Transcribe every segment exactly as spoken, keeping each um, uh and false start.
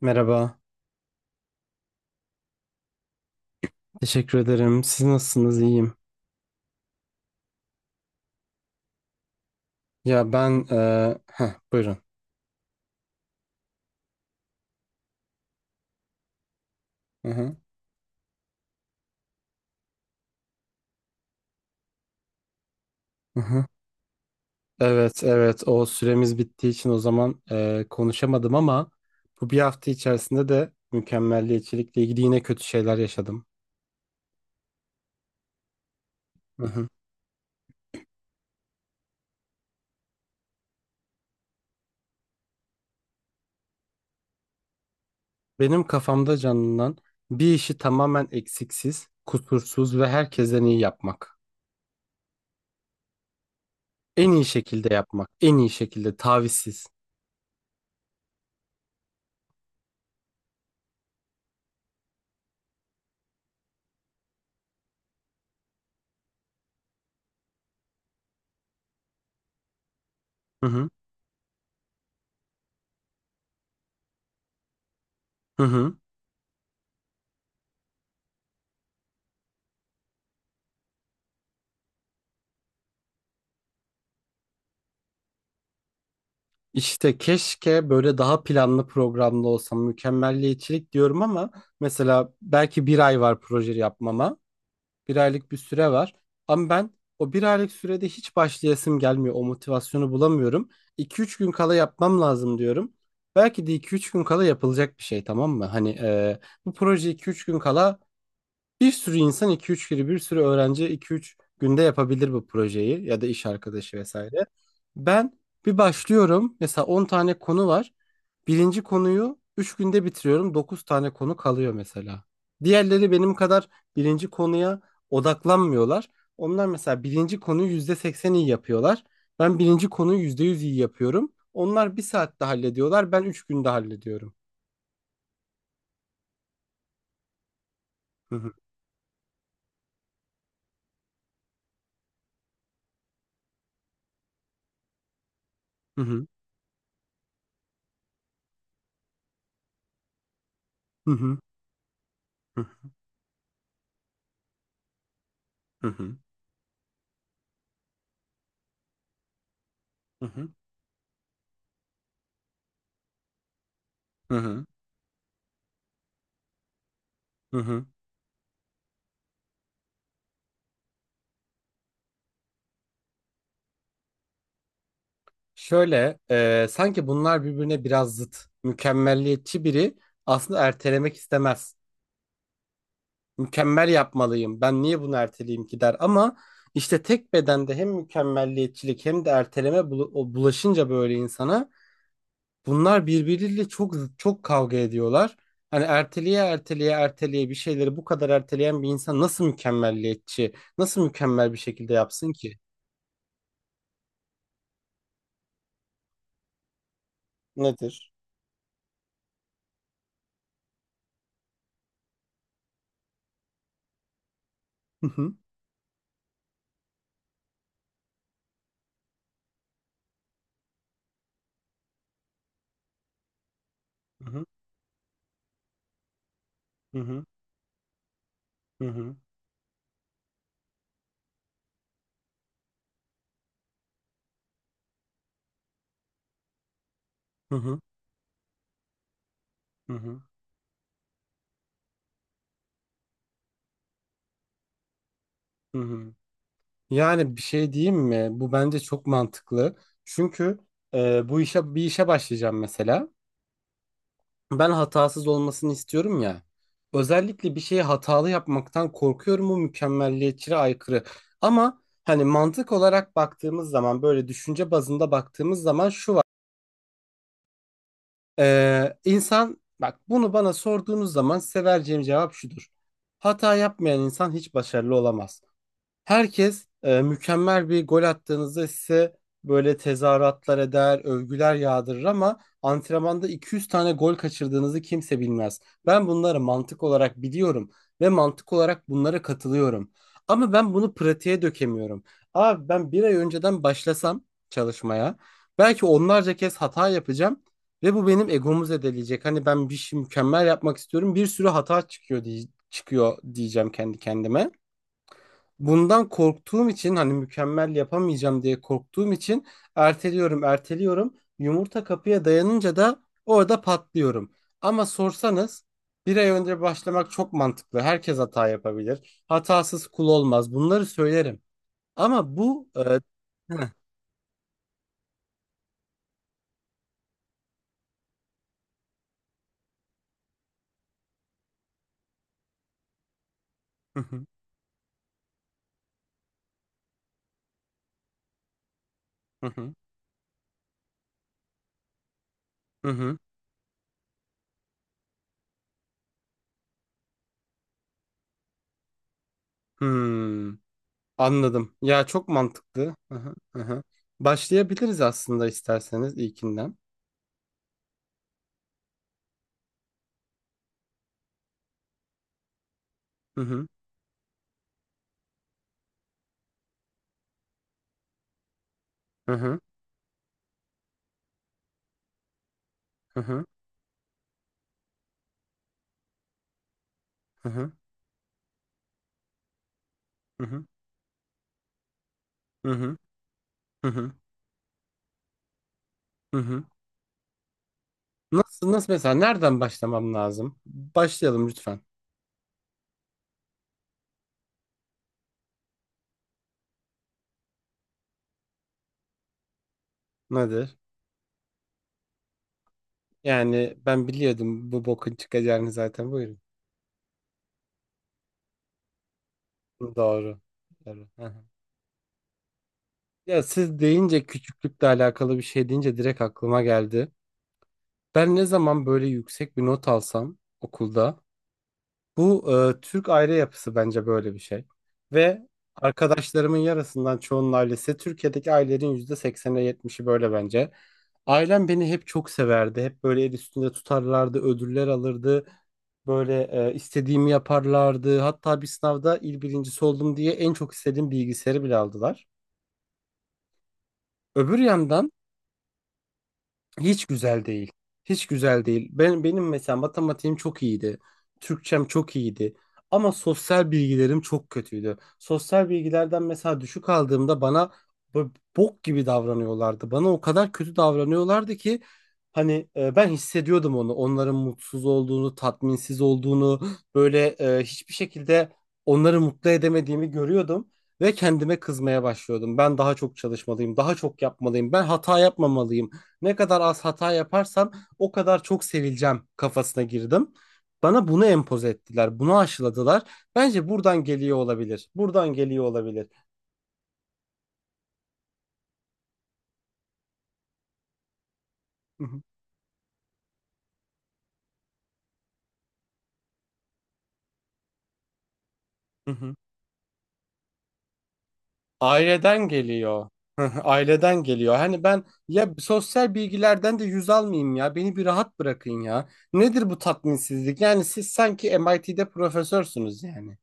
Merhaba, teşekkür ederim. Siz nasılsınız? İyiyim. Ya ben, eee heh, buyurun. Hı hı, hı hı. Evet, evet. O süremiz bittiği için o zaman eee, konuşamadım ama bu bir hafta içerisinde de mükemmelliyetçilikle ilgili yine kötü şeyler yaşadım. Hı hı. Benim kafamda canlanan bir işi tamamen eksiksiz, kusursuz ve herkesten iyi yapmak. En iyi şekilde yapmak, en iyi şekilde, tavizsiz. Hı hı, hı hı. İşte keşke böyle daha planlı programlı olsam mükemmelliyetçilik diyorum ama mesela belki bir ay var proje yapmama. Bir aylık bir süre var. Ama ben o bir aylık sürede hiç başlayasım gelmiyor. O motivasyonu bulamıyorum. iki üç gün kala yapmam lazım diyorum. Belki de iki üç gün kala yapılacak bir şey, tamam mı? Hani e, bu proje iki üç gün kala bir sürü insan, iki üç kere, bir sürü öğrenci iki üç günde yapabilir bu projeyi ya da iş arkadaşı vesaire. Ben bir başlıyorum, mesela on tane konu var. Birinci konuyu üç günde bitiriyorum, dokuz tane konu kalıyor mesela. Diğerleri benim kadar birinci konuya odaklanmıyorlar. Onlar mesela birinci konuyu yüzde seksen iyi yapıyorlar. Ben birinci konuyu yüzde yüz iyi yapıyorum. Onlar bir saatte hallediyorlar, ben üç günde hallediyorum. Hı hı, hı hı, hı hı, hı hı, hı hı, hı hı. Hı. Şöyle, e, sanki bunlar birbirine biraz zıt. Mükemmelliyetçi biri aslında ertelemek istemez. Mükemmel yapmalıyım. Ben niye bunu erteleyeyim ki der. Ama işte tek bedende hem mükemmelliyetçilik hem de erteleme bulu- o bulaşınca böyle insana, bunlar birbiriyle çok zıt, çok kavga ediyorlar. Hani erteleye erteleye erteleye bir şeyleri bu kadar erteleyen bir insan nasıl mükemmelliyetçi, nasıl mükemmel bir şekilde yapsın ki? Nedir? Hı hı. Hı hı. Hı hı. Hı hı. Hı hı. Hı hı. Hı hı. Yani bir şey diyeyim mi? Bu bence çok mantıklı. Çünkü e, bu işe bir işe başlayacağım mesela. Ben hatasız olmasını istiyorum ya. Özellikle bir şeyi hatalı yapmaktan korkuyorum. Bu mükemmelliyetçiliğe aykırı. Ama hani mantık olarak baktığımız zaman, böyle düşünce bazında baktığımız zaman şu var. E, insan, bak, bunu bana sorduğunuz zaman size vereceğim cevap şudur. Hata yapmayan insan hiç başarılı olamaz. Herkes e, mükemmel bir gol attığınızda size böyle tezahüratlar eder, övgüler yağdırır, ama antrenmanda iki yüz tane gol kaçırdığınızı kimse bilmez. Ben bunları mantık olarak biliyorum ve mantık olarak bunlara katılıyorum. Ama ben bunu pratiğe dökemiyorum. Abi ben bir ay önceden başlasam çalışmaya belki onlarca kez hata yapacağım ve bu benim egomu zedeleyecek. Hani ben bir şey mükemmel yapmak istiyorum. Bir sürü hata çıkıyor diye çıkıyor diyeceğim kendi kendime. Bundan korktuğum için, hani mükemmel yapamayacağım diye korktuğum için erteliyorum, erteliyorum. Yumurta kapıya dayanınca da orada patlıyorum. Ama sorsanız, bir ay önce başlamak çok mantıklı. Herkes hata yapabilir. Hatasız kul olmaz. Bunları söylerim. Ama bu e, heh. Hı hı, hı hı, hı hı. Hmm, anladım. Ya çok mantıklı. Hı hı, hı hı. Başlayabiliriz aslında, isterseniz ilkinden. Hı hı, hı hı, hı hı, hı hı, hı hı, hı hı. Hı hı. Hı hı. Nasıl nasıl, mesela nereden başlamam lazım? Başlayalım lütfen. Nedir? Yani ben biliyordum bu bokun çıkacağını zaten. Buyurun. Doğru. Doğru. Hı hı. Ya siz deyince, küçüklükle alakalı bir şey deyince direkt aklıma geldi. Ben ne zaman böyle yüksek bir not alsam okulda. Bu e, Türk aile yapısı bence böyle bir şey. Ve arkadaşlarımın yarısından çoğunun ailesi, Türkiye'deki ailelerin yüzde seksene yetmişi böyle bence. Ailem beni hep çok severdi. Hep böyle el üstünde tutarlardı, ödüller alırdı. Böyle e, istediğimi yaparlardı. Hatta bir sınavda il birincisi oldum diye en çok istediğim bilgisayarı bile aldılar. Öbür yandan hiç güzel değil. Hiç güzel değil. Ben, benim mesela matematiğim çok iyiydi. Türkçem çok iyiydi. Ama sosyal bilgilerim çok kötüydü. Sosyal bilgilerden mesela düşük aldığımda bana bu- bok gibi davranıyorlardı. Bana o kadar kötü davranıyorlardı ki, hani e, ben hissediyordum onu. Onların mutsuz olduğunu, tatminsiz olduğunu, böyle e, hiçbir şekilde onları mutlu edemediğimi görüyordum ve kendime kızmaya başlıyordum. Ben daha çok çalışmalıyım, daha çok yapmalıyım. Ben hata yapmamalıyım. Ne kadar az hata yaparsam o kadar çok sevileceğim kafasına girdim. Bana bunu empoze ettiler, bunu aşıladılar. Bence buradan geliyor olabilir. Buradan geliyor olabilir. Hı hı, hı hı. Aileden geliyor. Hı hı, aileden geliyor. Hani ben ya sosyal bilgilerden de yüz almayayım ya. Beni bir rahat bırakın ya. Nedir bu tatminsizlik? Yani siz sanki M I T'de profesörsünüz yani.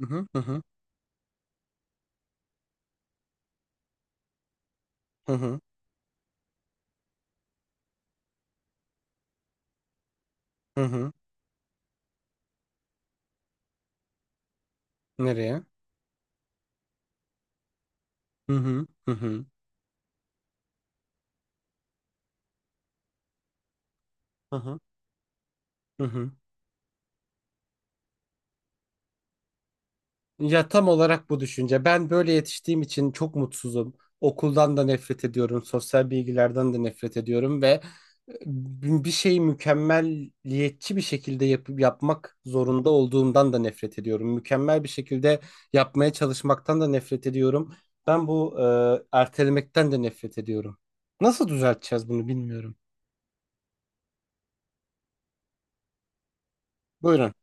Hı hı, hı hı, hı hı, hı hı. Nereye? Hı hı, hı hı, hı hı, hı hı. Ya tam olarak bu düşünce. Ben böyle yetiştiğim için çok mutsuzum. Okuldan da nefret ediyorum, sosyal bilgilerden de nefret ediyorum ve e, bir şeyi mükemmelliyetçi bir şekilde yapıp yapmak zorunda olduğumdan da nefret ediyorum. Mükemmel bir şekilde yapmaya çalışmaktan da nefret ediyorum. Ben bu e, ertelemekten de nefret ediyorum. Nasıl düzelteceğiz bunu bilmiyorum. Buyurun.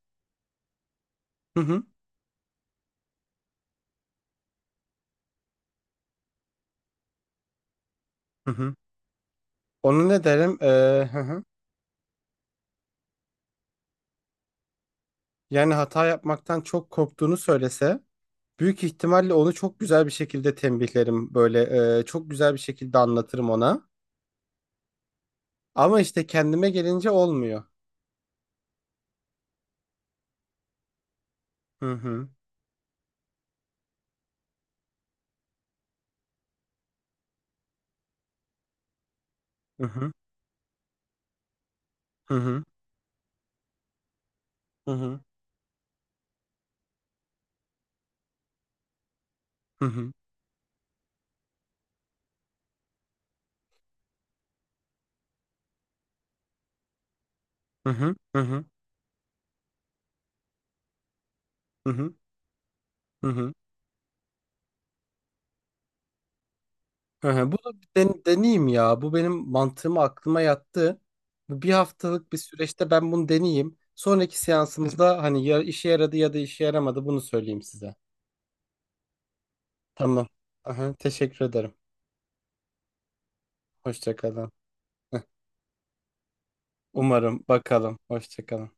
Hı hı. Hı hı. Onu ne derim? E, hı hı. Yani hata yapmaktan çok korktuğunu söylese, büyük ihtimalle onu çok güzel bir şekilde tembihlerim, böyle e, çok güzel bir şekilde anlatırım ona. Ama işte kendime gelince olmuyor. Hı hı. Hı hı. Hı hı. Hı hı. Hı hı. Hı hı. Hı hı. Hı hı. Hı. Bunu den- deneyeyim ya. Bu benim mantığıma, aklıma yattı. Bu bir haftalık bir süreçte ben bunu deneyeyim. Sonraki seansımızda hani ya işe yaradı ya da işe yaramadı bunu söyleyeyim size. Tamam. Aha, teşekkür ederim. Hoşça kalın. Heh, umarım bakalım. Hoşça kalın.